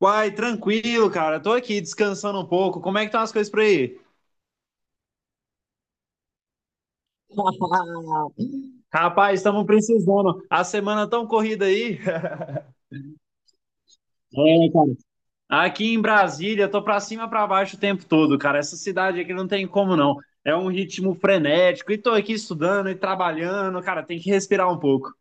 Uai, tranquilo, cara. Tô aqui descansando um pouco. Como é que estão as coisas por aí? Rapaz, estamos precisando. A semana tão corrida aí. É, cara. Aqui em Brasília, tô pra cima e pra baixo o tempo todo, cara. Essa cidade aqui não tem como não. É um ritmo frenético. E tô aqui estudando e trabalhando, cara. Tem que respirar um pouco.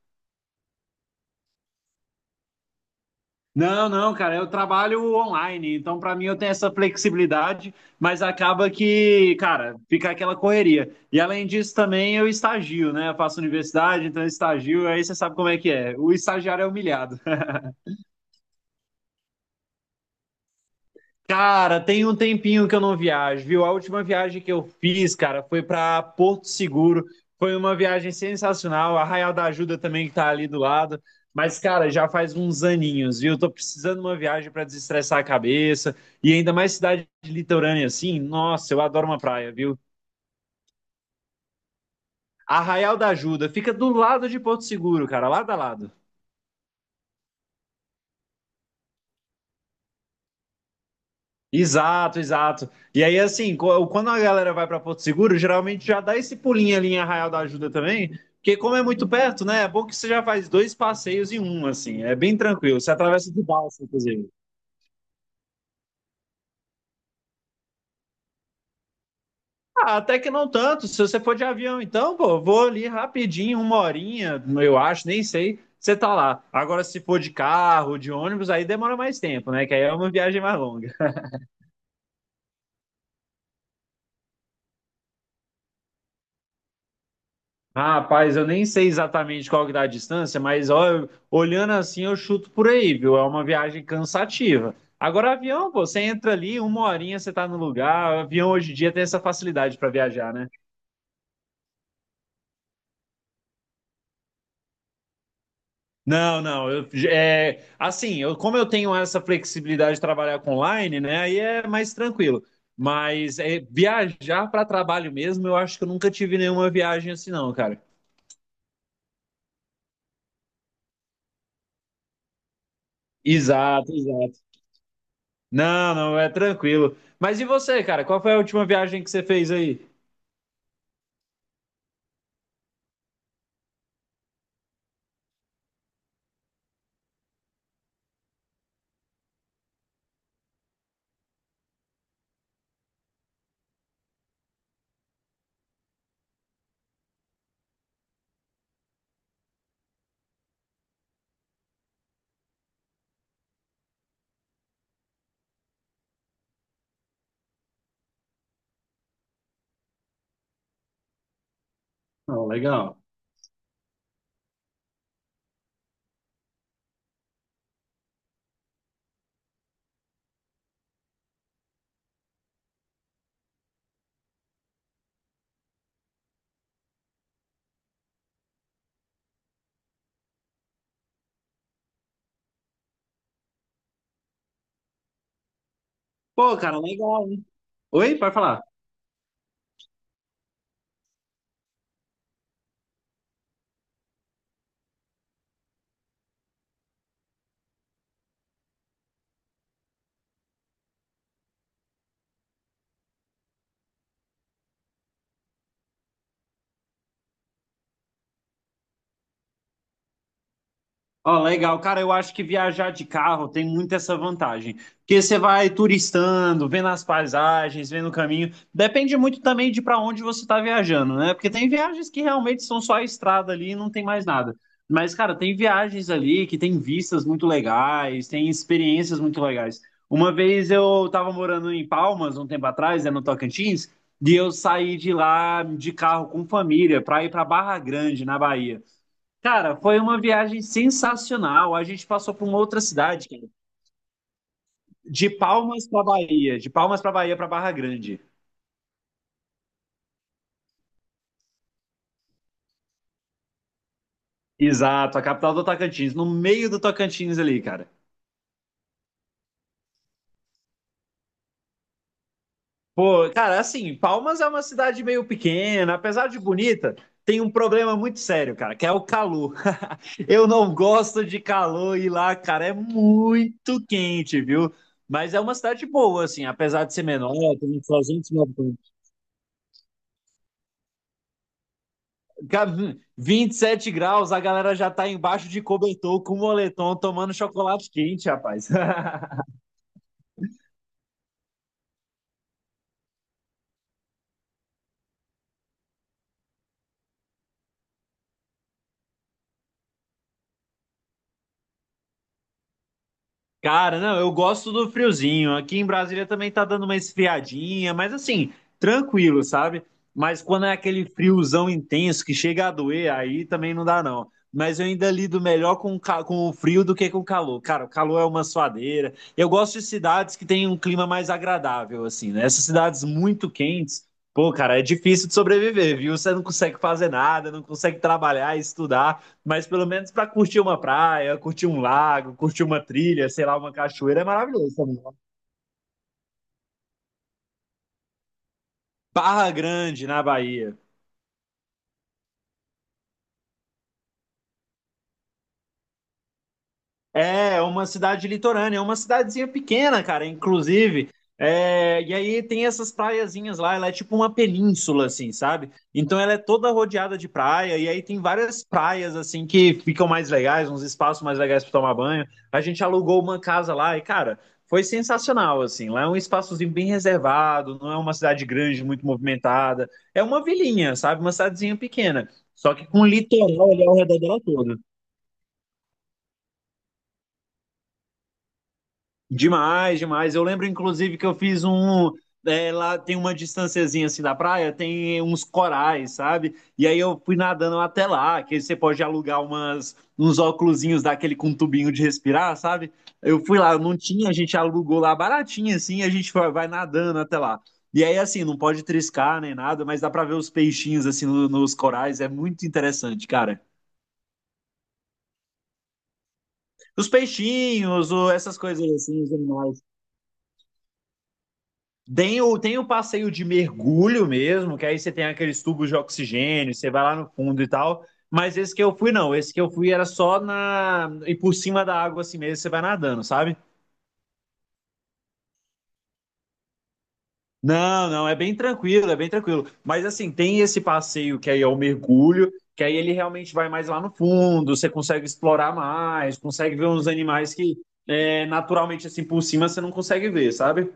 Não, não, cara, eu trabalho online, então pra mim eu tenho essa flexibilidade, mas acaba que, cara, fica aquela correria. E além disso também eu estagio, né? Eu faço universidade, então eu estagio, aí você sabe como é que é. O estagiário é humilhado. Cara, tem um tempinho que eu não viajo, viu? A última viagem que eu fiz, cara, foi para Porto Seguro. Foi uma viagem sensacional. Arraial da Ajuda também que tá ali do lado. Mas, cara, já faz uns aninhos, viu? Tô precisando de uma viagem para desestressar a cabeça. E ainda mais cidade litorânea assim. Nossa, eu adoro uma praia, viu? Arraial da Ajuda fica do lado de Porto Seguro, cara, lado a lado. Exato, exato. E aí, assim, quando a galera vai para Porto Seguro, geralmente já dá esse pulinho ali em Arraial da Ajuda também, porque como é muito perto, né? É bom que você já faz dois passeios em um, assim, é bem tranquilo. Você atravessa de balsa, inclusive. Ah, até que não tanto. Se você for de avião, então, pô, vou ali rapidinho, uma horinha, eu acho, nem sei. Você tá lá. Agora, se for de carro, de ônibus, aí demora mais tempo, né? Que aí é uma viagem mais longa. Ah, rapaz, eu nem sei exatamente qual que dá a distância, mas ó, olhando assim eu chuto por aí, viu? É uma viagem cansativa. Agora, avião, pô, você entra ali, uma horinha você tá no lugar. Avião hoje em dia tem essa facilidade para viajar, né? Não, não, eu, é, assim, eu, como eu tenho essa flexibilidade de trabalhar com online, né? Aí é mais tranquilo. Mas é, viajar para trabalho mesmo, eu acho que eu nunca tive nenhuma viagem assim, não, cara. Exato, exato. Não, não, é tranquilo. Mas e você, cara? Qual foi a última viagem que você fez aí? Não, legal. Pô, cara, legal, hein? Oi, pode falar. Ó, legal, cara, eu acho que viajar de carro tem muito essa vantagem, porque você vai turistando, vendo as paisagens, vendo o caminho. Depende muito também de para onde você está viajando, né? Porque tem viagens que realmente são só a estrada ali e não tem mais nada. Mas, cara, tem viagens ali que tem vistas muito legais, tem experiências muito legais. Uma vez eu estava morando em Palmas, um tempo atrás, né, no Tocantins, e eu saí de lá de carro com família para ir para Barra Grande, na Bahia. Cara, foi uma viagem sensacional. A gente passou por uma outra cidade, cara. De Palmas para Bahia, de Palmas para Bahia para Barra Grande. Exato, a capital do Tocantins, no meio do Tocantins ali, cara. Pô, cara, assim, Palmas é uma cidade meio pequena, apesar de bonita, tem um problema muito sério, cara, que é o calor. Eu não gosto de calor e lá, cara, é muito quente, viu? Mas é uma cidade boa, assim, apesar de ser menor, tem uns 300 mil. 27 graus, a galera já tá embaixo de cobertor com moletom tomando chocolate quente, rapaz. Cara, não, eu gosto do friozinho. Aqui em Brasília também tá dando uma esfriadinha, mas assim, tranquilo, sabe? Mas quando é aquele friozão intenso que chega a doer, aí também não dá, não. Mas eu ainda lido melhor com, com o frio do que com o calor. Cara, o calor é uma suadeira. Eu gosto de cidades que têm um clima mais agradável, assim, né? Essas cidades muito quentes, pô, cara, é difícil de sobreviver, viu? Você não consegue fazer nada, não consegue trabalhar, estudar. Mas pelo menos para curtir uma praia, curtir um lago, curtir uma trilha, sei lá, uma cachoeira, é maravilhoso também. Barra Grande, na Bahia. É uma cidade litorânea, é uma cidadezinha pequena, cara, inclusive. É, e aí tem essas praiazinhas lá, ela é tipo uma península, assim, sabe? Então ela é toda rodeada de praia, e aí tem várias praias, assim, que ficam mais legais, uns espaços mais legais para tomar banho. A gente alugou uma casa lá e, cara, foi sensacional, assim. Lá é um espaçozinho bem reservado, não é uma cidade grande, muito movimentada. É uma vilinha, sabe? Uma cidadezinha pequena, só que com litoral ali ao redor dela toda. Demais, demais. Eu lembro, inclusive, que eu fiz um. É, lá tem uma distânciazinha assim da praia, tem uns corais, sabe? E aí eu fui nadando até lá, que você pode alugar umas, uns óculosinhos daquele com tubinho de respirar, sabe? Eu fui lá, não tinha, a gente alugou lá baratinho assim, e a gente vai nadando até lá. E aí, assim, não pode triscar nem nada, mas dá pra ver os peixinhos assim nos corais, é muito interessante, cara. Os peixinhos, essas coisas assim, os animais. Tem o, tem o passeio de mergulho mesmo, que aí você tem aqueles tubos de oxigênio, você vai lá no fundo e tal. Mas esse que eu fui, não. Esse que eu fui era só na. E por cima da água assim mesmo, você vai nadando, sabe? Não, não, é bem tranquilo, é bem tranquilo. Mas assim, tem esse passeio que aí é o mergulho, que aí ele realmente vai mais lá no fundo, você consegue explorar mais, consegue ver uns animais que é, naturalmente assim por cima você não consegue ver, sabe?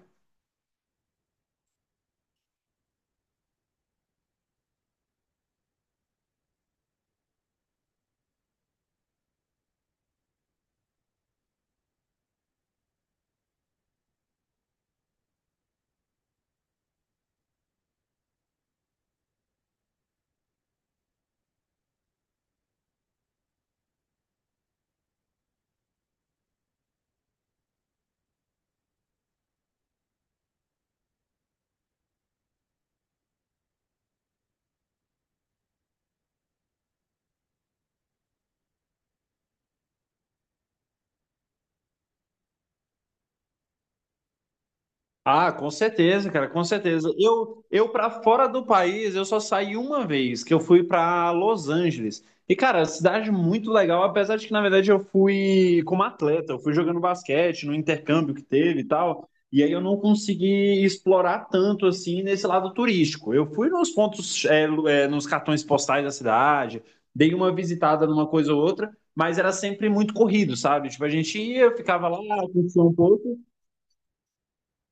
Ah, com certeza, cara, com certeza. Eu para fora do país, eu só saí uma vez, que eu fui para Los Angeles. E, cara, cidade muito legal, apesar de que, na verdade, eu fui como atleta, eu fui jogando basquete no intercâmbio que teve e tal. E aí eu não consegui explorar tanto assim nesse lado turístico. Eu fui nos pontos, é, é, nos cartões postais da cidade, dei uma visitada numa coisa ou outra, mas era sempre muito corrido, sabe? Tipo, a gente ia, ficava lá, curtia um pouco.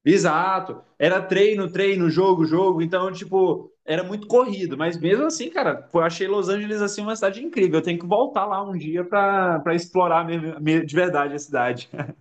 Exato. Era treino, treino, jogo, jogo. Então, tipo, era muito corrido. Mas mesmo assim, cara, eu achei Los Angeles assim uma cidade incrível. Eu tenho que voltar lá um dia para explorar de verdade a cidade.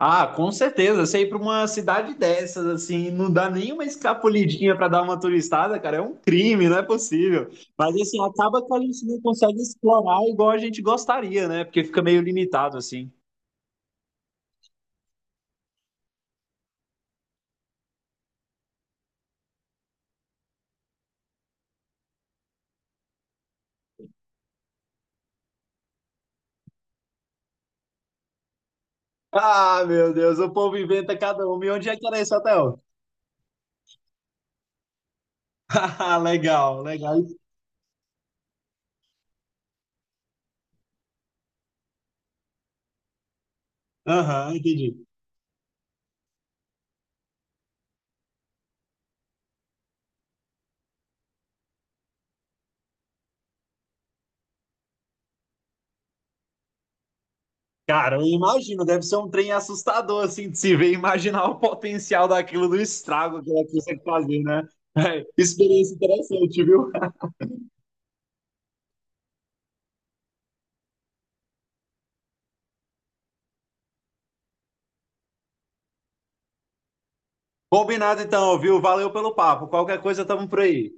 Ah, com certeza. Você ir para uma cidade dessas, assim, não dá nenhuma escapulidinha para dar uma turistada, cara, é um crime, não é possível. Mas assim, acaba que a gente não consegue explorar igual a gente gostaria, né? Porque fica meio limitado, assim. Ah, meu Deus, o povo inventa cada um. E onde é que era esse hotel? Legal, legal. Aham, entendi. Cara, eu imagino, deve ser um trem assustador, assim, de se ver, imaginar o potencial daquilo, do estrago que ela consegue fazer, né? É, experiência interessante, viu? Combinado então, viu? Valeu pelo papo. Qualquer coisa, tamo por aí.